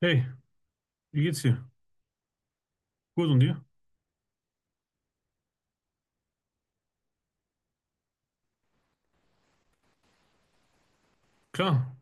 Hey, wie geht's dir? Gut und dir? Klar,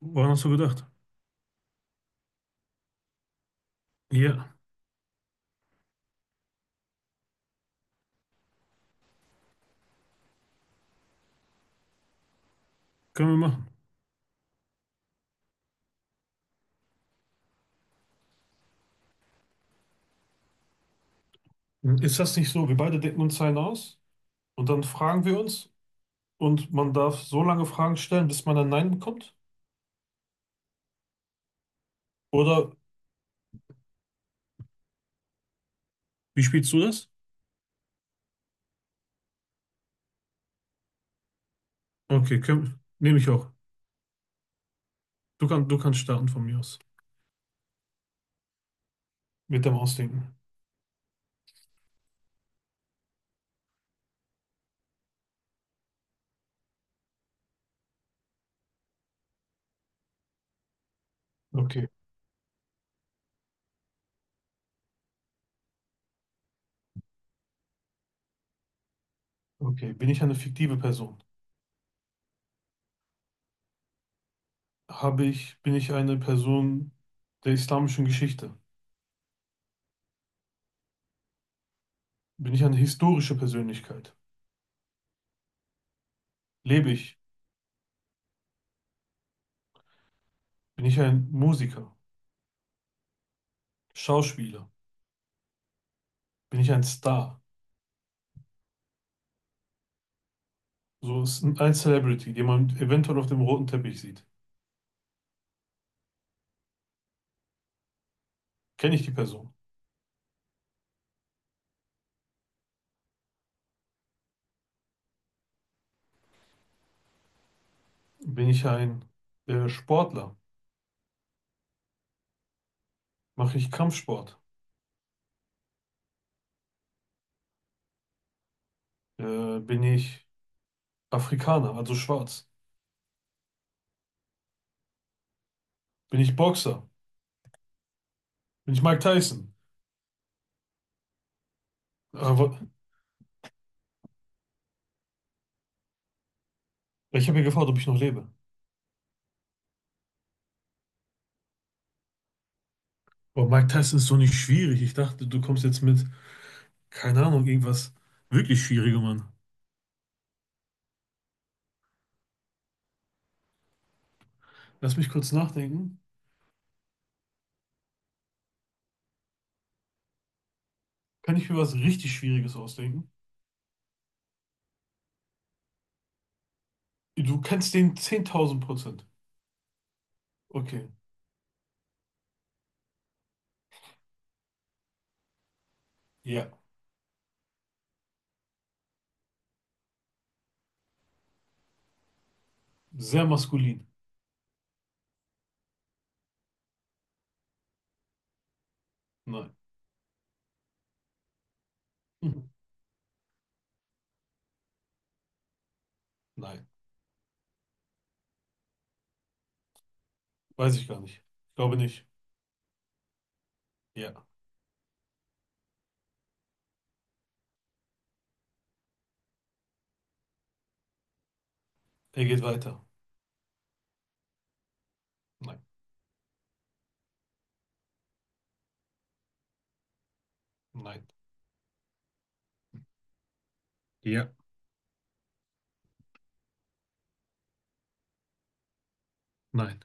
woran hast du gedacht? Ja, können wir machen. Ist das nicht so? Wir beide denken uns einen aus und dann fragen wir uns und man darf so lange Fragen stellen, bis man ein Nein bekommt? Oder wie spielst du das? Okay, können, nehme ich auch. Du kannst starten von mir aus. Mit dem Ausdenken. Okay, okay. Bin ich eine fiktive Person? Bin ich eine Person der islamischen Geschichte? Bin ich eine historische Persönlichkeit? Lebe ich? Bin ich ein Musiker? Schauspieler. Bin ich ein Star? So ist ein Celebrity, den man eventuell auf dem roten Teppich sieht. Kenne ich die Person? Bin ich ein Sportler? Mache ich Kampfsport? Bin ich Afrikaner, also schwarz? Bin ich Boxer? Bin ich Mike Tyson? Aber ich habe ja gefragt, ob ich noch lebe. Boah, Mike Tyson ist so nicht schwierig. Ich dachte, du kommst jetzt mit, keine Ahnung, irgendwas wirklich Schwierigem an. Lass mich kurz nachdenken. Kann ich mir was richtig Schwieriges ausdenken? Du kennst den 10.000%. Okay. Ja, sehr maskulin. Nein. Hm. Nein. Weiß ich gar nicht. Ich glaube nicht. Ja. Er geht weiter. Nein. Nein. Ja. Nein.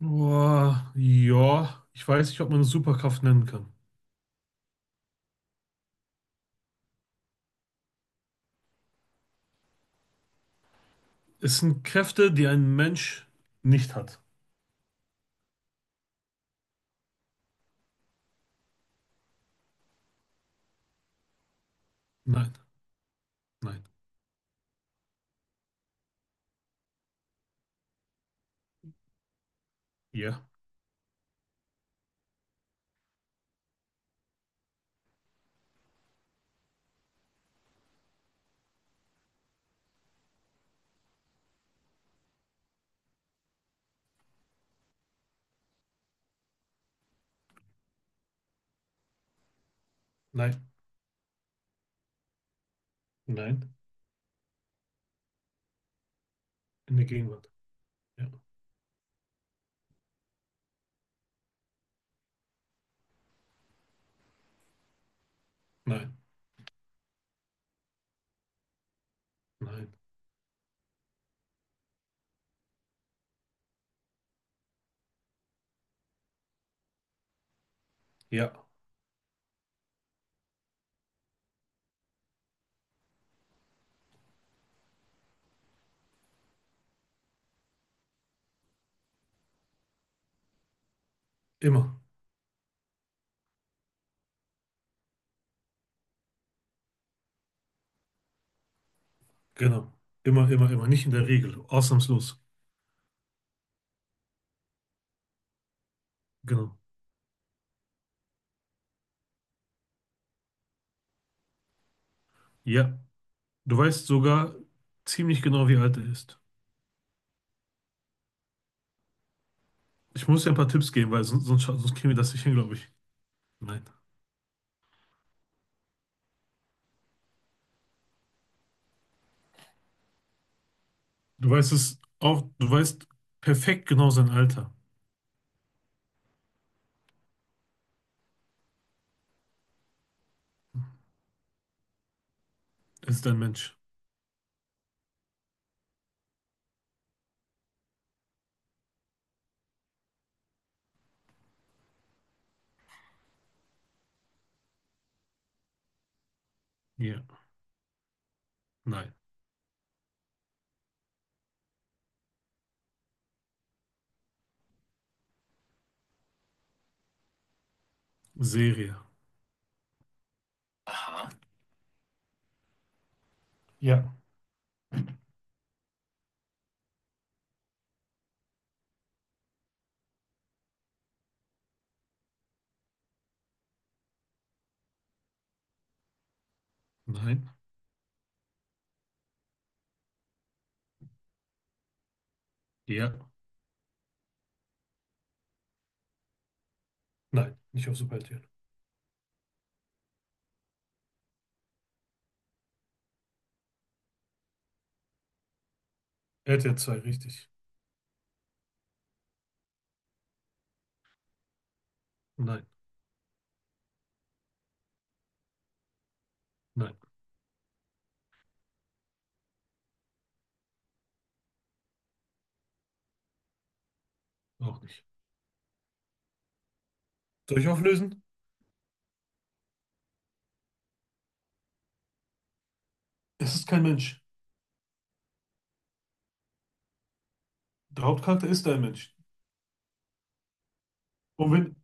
Boah, ja. Ich weiß nicht, ob man es Superkraft nennen kann. Es sind Kräfte, die ein Mensch nicht hat. Nein. Nein. Ja. Nein. Nein. In der Gegenwart. Ja. Nein. Nein. Ja. Immer. Genau. Immer, immer, immer. Nicht in der Regel. Ausnahmslos. Genau. Ja. Du weißt sogar ziemlich genau, wie alt er ist. Ich muss dir ein paar Tipps geben, weil sonst kämen wir das nicht hin, glaube ich. Nein. Du weißt es auch, du weißt perfekt genau sein Alter. Es ist ein Mensch. Ja. Nein. Serie. Ja. Nein. Ja. Nein. Nicht auf Superhelden. RTL 2, richtig. Nein. Nein. Auch nicht. Soll ich auflösen? Es ist kein Mensch. Der Hauptcharakter ist ein Mensch. Um wen,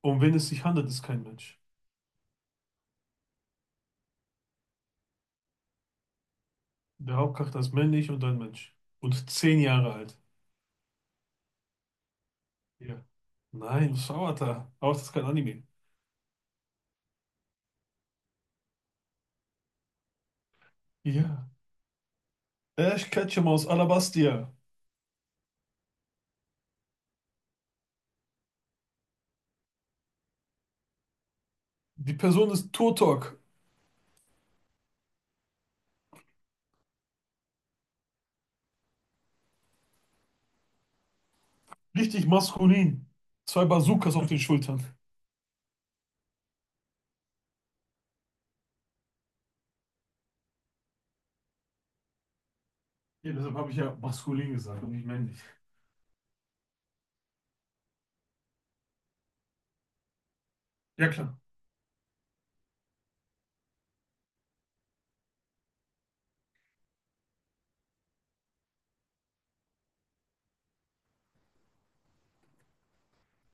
um wen es sich handelt, ist kein Mensch. Der Hauptcharakter ist männlich und ein Mensch. Und 10 Jahre alt. Ja. Nein, das ist Avatar. Avatar ist kein Anime. Ja. Ich catche mal aus Alabastia. Die Person ist Turtok. Richtig maskulin. Zwei Bazookas auf den Schultern. Ja, deshalb habe ich ja maskulin gesagt und nicht männlich. Ja, klar.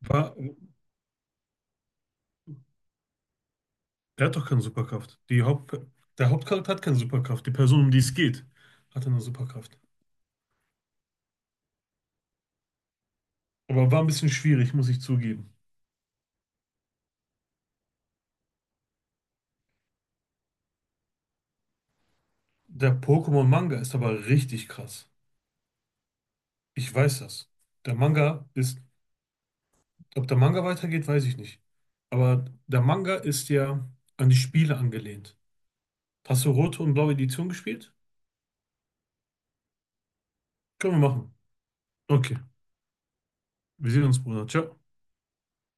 War, der hat doch keine Superkraft. Der Hauptcharakter hat keine Superkraft. Die Person, um die es geht, hat eine Superkraft. Aber war ein bisschen schwierig, muss ich zugeben. Der Pokémon-Manga ist aber richtig krass. Ich weiß das. Der Manga ist, Ob der Manga weitergeht, weiß ich nicht. Aber der Manga ist ja an die Spiele angelehnt. Hast du rote und blaue Edition gespielt? Können wir machen. Okay. Wir sehen uns, Bruder. Ciao.